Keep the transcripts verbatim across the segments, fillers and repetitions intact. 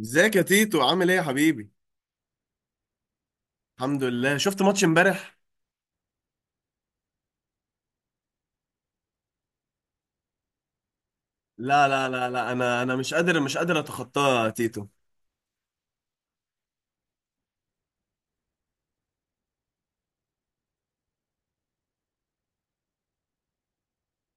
ازيك يا تيتو، عامل ايه يا حبيبي؟ الحمد لله. شفت ماتش امبارح؟ لا، لا، لا، لا، انا انا مش قادر، مش قادر اتخطاه يا تيتو.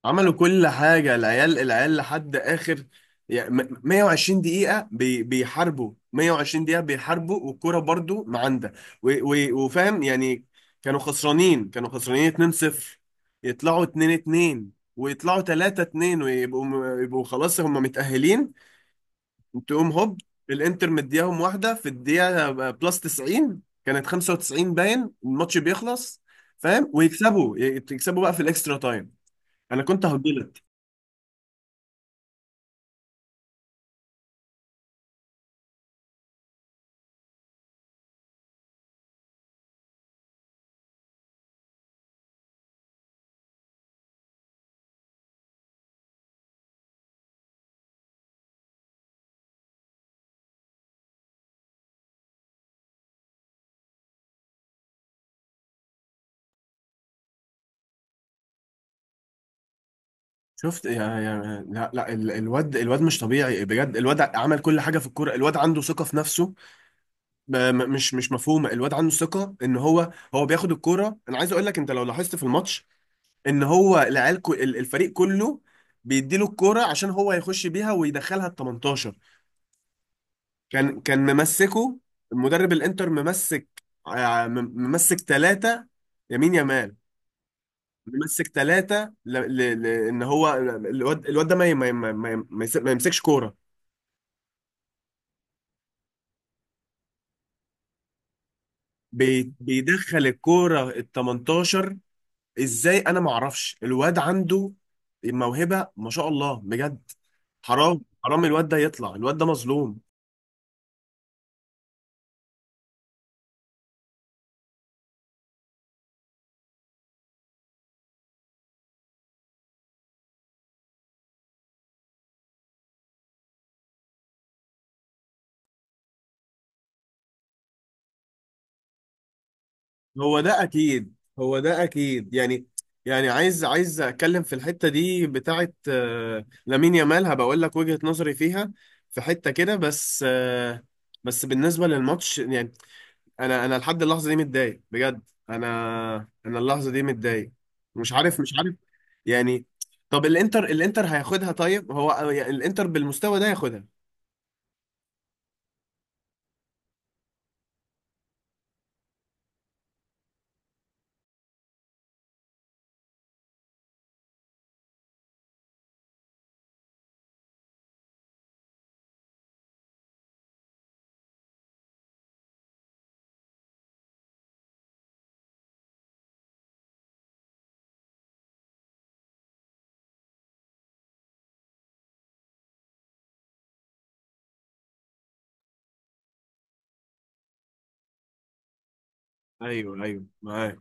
عملوا كل حاجه العيال العيال لحد اخر. يعني م- مية وعشرين دقيقه بي بيحاربوا، مية وعشرين دقيقه بيحاربوا، والكوره برضو معاندة. و- و- وفاهم يعني. كانوا خسرانين، كانوا خسرانين اتنين لصفر، يطلعوا اتنين اتنين، ويطلعوا تلاته اتنين، ويبقوا يبقوا خلاص هم متأهلين. تقوم هوب، الانتر مدياهم واحده في الدقيقه آه، بلس تسعين، كانت خمسة وتسعين، باين الماتش بيخلص. فاهم؟ ويكسبوا يكسبوا بقى في الاكسترا تايم. انا كنت هبلت. شفت يا يا لا، لا، ال- الواد الواد مش طبيعي بجد. الواد عمل كل حاجه في الكوره، الواد عنده ثقه في نفسه. ب- م- مش مش مفهومه. الواد عنده ثقه ان هو هو بياخد الكوره. انا عايز اقول لك، انت لو لاحظت في الماتش ان هو العيال كو- ال- الفريق كله بيديله الكوره عشان هو يخش بيها ويدخلها ال تمنتاشر. كان كان ممسكه المدرب الانتر. ممسك، آه، مم- ممسك ثلاثة، يمين يمال. ممسك ثلاثة، ل... ل... ل... ان هو الواد، الواد ده ما ي- ما ي- ما ي- ما يس- ما يمسكش كورة. بي- بيدخل الكورة ال تمنتاشر. ازاي؟ انا ما اعرفش، الواد عنده موهبة ما شاء الله بجد. حرام، حرام الواد ده يطلع، الواد ده مظلوم. هو ده اكيد، هو ده اكيد يعني. يعني عايز عايز اتكلم في الحته دي بتاعه آه، لامين يامال، هبقول لك وجهه نظري فيها في حته كده بس آه، بس بالنسبه للماتش يعني انا انا لحد اللحظه دي متضايق بجد. انا، انا اللحظه دي متضايق. مش عارف، مش عارف يعني. طب الانتر، الانتر هياخدها؟ طيب هو يعني الانتر بالمستوى ده ياخدها؟ ايوه، ايوه، معاك.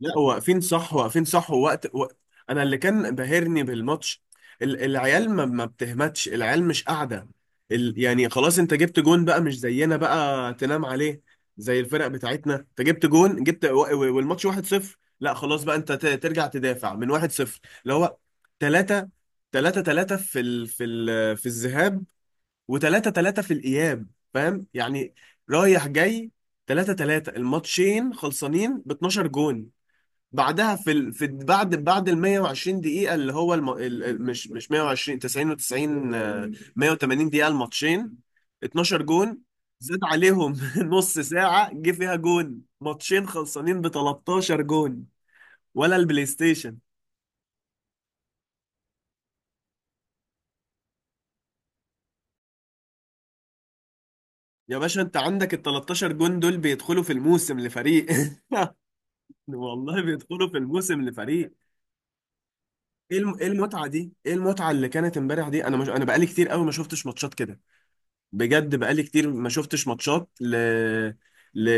لا، واقفين صح، واقفين صح، ووقت وقت. انا اللي كان بهرني بالماتش، ال- العيال ما ما بتهمتش، العيال مش قاعده. ال... يعني خلاص، انت جبت جون بقى مش زينا بقى تنام عليه زي الفرق بتاعتنا. انت جبت جون، جبت و... و- والماتش واحد صفر. لا خلاص بقى، انت ت... ترجع تدافع من واحد صفر؟ اللي هو تلاته، تلاته تلاته في ال... في ال... في الذهاب، و3، تلاته في الاياب. فاهم يعني؟ رايح جاي، تلاته تلاته، الماتشين خلصانين ب اتناشر جون. بعدها في ال... في بعد، بعد ال مية وعشرين دقيقة اللي هو الم... ال... ال- مش مش مية وعشرين، تسعين و90 آه، مية وتمانين دقيقة الماتشين، اتناشر جون. زاد عليهم نص ساعة جه فيها جون، ماتشين خلصانين ب تلتاشر جون، ولا البلاي ستيشن. يا باشا انت عندك ال تلتاشر جون دول بيدخلوا في الموسم لفريق والله بيدخلوا في الموسم لفريق. ايه الم- إيه المتعة دي؟ ايه المتعة اللي كانت امبارح دي؟ انا مش... انا بقالي كتير قوي ما شفتش ماتشات كده، بجد بقالي كتير ما شفتش ماتشات ل... ل...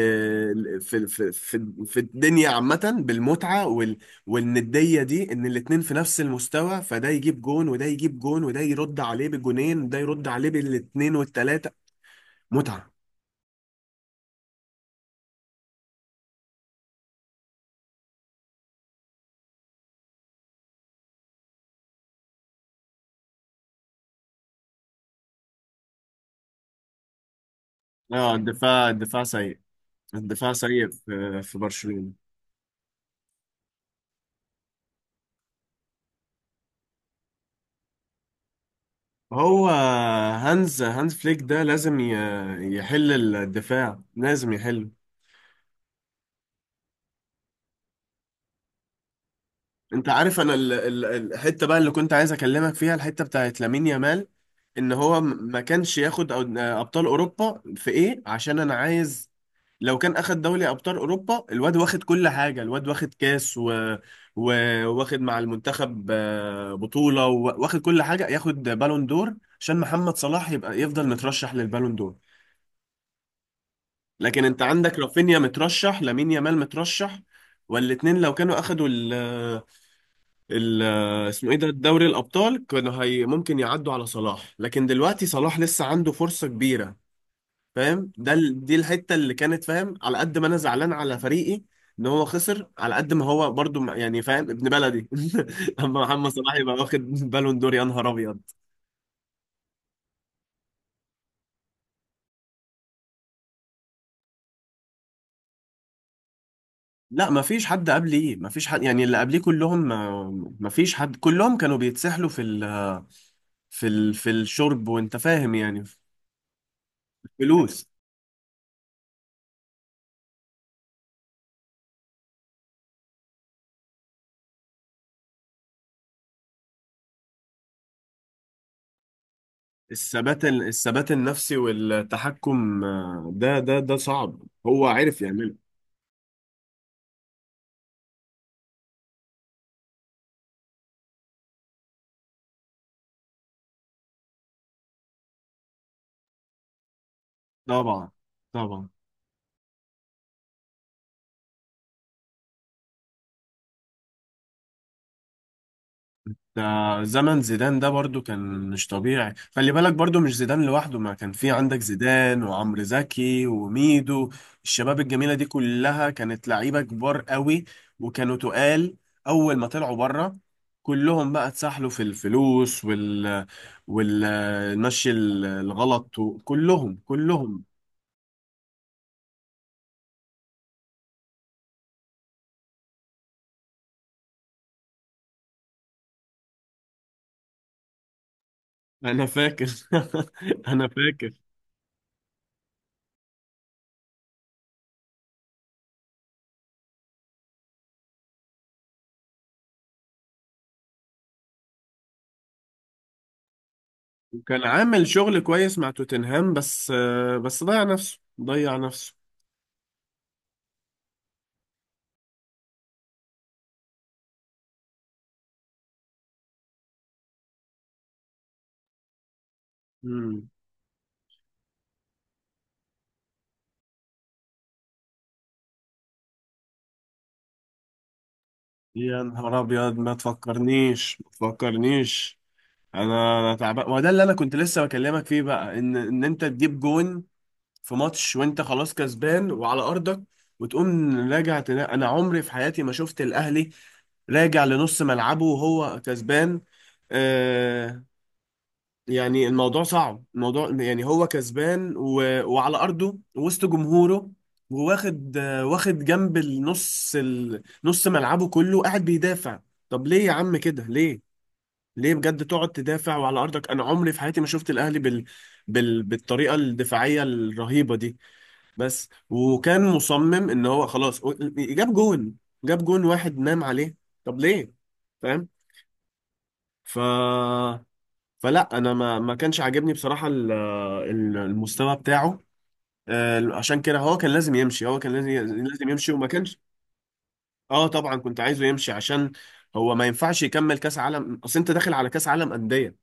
ل- في في في في الدنيا عامة، بالمتعة وال... والندية دي، ان الاتنين في نفس المستوى، فده يجيب جون، وده يجيب جون، وده يرد عليه بجونين، وده يرد عليه بالاتنين والتلاتة. متعة. اه، الدفاع الدفاع سيء، الدفاع سيء في في برشلونة. هو هانز، هانز فليك ده لازم ي- يحل الدفاع، لازم يحله. انت عارف، انا ال- ال- الحته بقى اللي كنت عايز اكلمك فيها، الحته بتاعت لامين يامال، ان هو م- ما كانش ياخد أو- ابطال اوروبا في ايه؟ عشان انا عايز، لو كان اخد دوري ابطال اوروبا، الواد واخد كل حاجه، الواد واخد كاس و... و... واخد مع المنتخب آه، بطوله، و- واخد كل حاجه، ياخد بالون دور، عشان محمد صلاح يبقى يفضل مترشح للبالون دور. لكن انت عندك رافينيا مترشح، لامين يامال مترشح، والاتنين لو كانوا اخدوا ال- اسمه ايه ده، دوري الابطال، كانوا هي ممكن يعدوا على صلاح. لكن دلوقتي صلاح لسه عنده فرصه كبيره. فاهم؟ ده ال- دي الحته اللي كانت، فاهم، على قد ما انا زعلان على فريقي ان هو خسر، على قد ما هو برضو م- يعني فاهم، ابن بلدي. اما محمد صلاح يبقى واخد بالون دور، يا نهار ابيض. لا ما فيش حد قبلي، ما فيش حد يعني، اللي قبليه كلهم ما، ما فيش حد، كلهم كانوا بيتسحلوا في ال، في ال، في الشرب، وانت فاهم يعني، فلوس. الثبات، الثبات النفسي والتحكم آه، ده ده ده صعب، هو عرف يعمله. طبعا، طبعا ده زمن زيدان ده برضو كان مش طبيعي، خلي بالك برضو مش زيدان لوحده، ما كان في عندك زيدان وعمرو زكي وميدو. الشباب الجميلة دي كلها كانت لعيبة كبار قوي وكانوا تقال. أول ما طلعوا بره، كلهم بقى اتسحلوا في الفلوس وال، والمشي الغلط، وكلهم كلهم. انا فاكر انا فاكر، وكان عامل شغل كويس مع توتنهام بس، بس ضيع نفسه، ضيع نفسه. امم. يا نهار ابيض، ما تفكرنيش، ما تفكرنيش. انا انا تعبان، وده اللي انا كنت لسه بكلمك فيه بقى، ان ان انت تجيب جون في ماتش وانت خلاص كسبان وعلى ارضك، وتقوم راجع تنا... انا عمري في حياتي ما شفت الاهلي راجع لنص ملعبه وهو كسبان. آه، يعني الموضوع صعب، الموضوع يعني هو كسبان و... وعلى أرضه وسط جمهوره، وواخد آه، واخد جنب النص، ال... نص ملعبه كله قاعد بيدافع. طب ليه يا عم كده؟ ليه، ليه بجد تقعد تدافع وعلى أرضك؟ أنا عمري في حياتي ما شفت الأهلي بال... بال... بالطريقة الدفاعية الرهيبة دي. بس وكان مصمم إن هو خلاص و- جاب جون، جاب جون واحد، نام عليه. طب ليه؟ فاهم؟ ف فلا انا ما ما كانش عاجبني بصراحه، ال- ال- المستوى بتاعه. آه، عشان كده هو كان لازم يمشي، هو كان لازم، لازم يمشي وما كانش. اه طبعا كنت عايزه يمشي، عشان هو ما ينفعش يكمل كاس عالم. اصل انت داخل على كاس عالم انديه،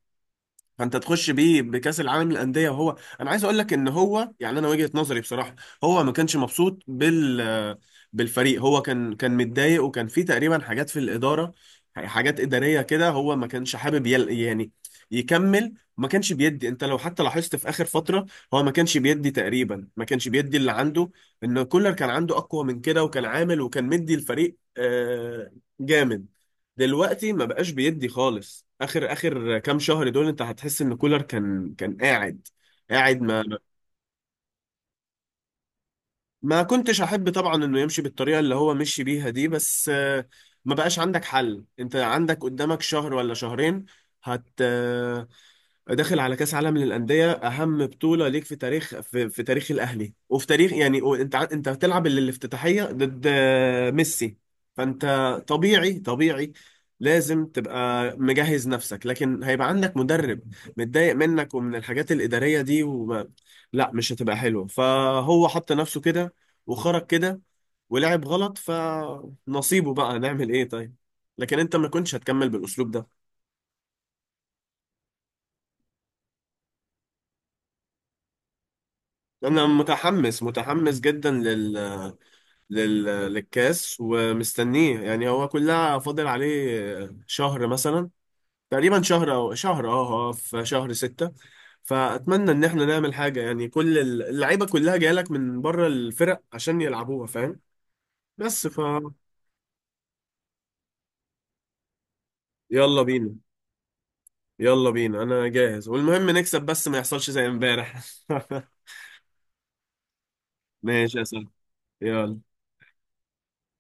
فانت تخش بيه بكاس العالم للانديه، وهو، انا عايز اقول لك ان هو يعني، انا وجهه نظري بصراحه، هو ما كانش مبسوط بال بالفريق، هو كان كان متضايق، وكان في تقريبا حاجات في الاداره، حاجات اداريه كده. هو ما كانش حابب يل... يعني يكمل، ما كانش بيدي. انت لو حتى لاحظت في اخر فتره، هو ما كانش بيدي، تقريبا ما كانش بيدي اللي عنده. ان كولر كان عنده اقوى من كده، وكان عامل، وكان مدي الفريق آه، جامد. دلوقتي ما بقاش بيدي خالص، اخر، اخر كام شهر دول انت هتحس ان كولر كان، كان قاعد، قاعد ما. ما كنتش احب طبعا انه يمشي بالطريقه اللي هو مشي بيها دي، بس آه، ما بقاش عندك حل. انت عندك قدامك شهر ولا شهرين، هت داخل على كأس عالم للأندية، أهم بطولة ليك في تاريخ، في، في تاريخ الأهلي، وفي تاريخ يعني، و- أنت ع- أنت هتلعب ال- الافتتاحية ضد آه، ميسي. فأنت، طبيعي، طبيعي لازم تبقى مجهز نفسك. لكن هيبقى عندك مدرب متضايق منك ومن الحاجات الإدارية دي، وما، لا مش هتبقى حلوة. فهو حط نفسه كده وخرج كده ولعب غلط، فنصيبه بقى، نعمل إيه؟ طيب. لكن أنت ما كنتش هتكمل بالأسلوب ده. انا متحمس، متحمس جدا لل... للكاس، ومستنيه يعني، هو كلها فاضل عليه شهر مثلا، تقريبا شهر او شهر، اه اه في شهر ستة. فاتمنى ان احنا نعمل حاجة، يعني كل ال- اللعيبة كلها جايلك من بره الفرق عشان يلعبوها. فاهم؟ بس ف يلا بينا، يلا بينا، انا جاهز، والمهم نكسب بس ما يحصلش زي امبارح. ماشي يا سلام، يلا.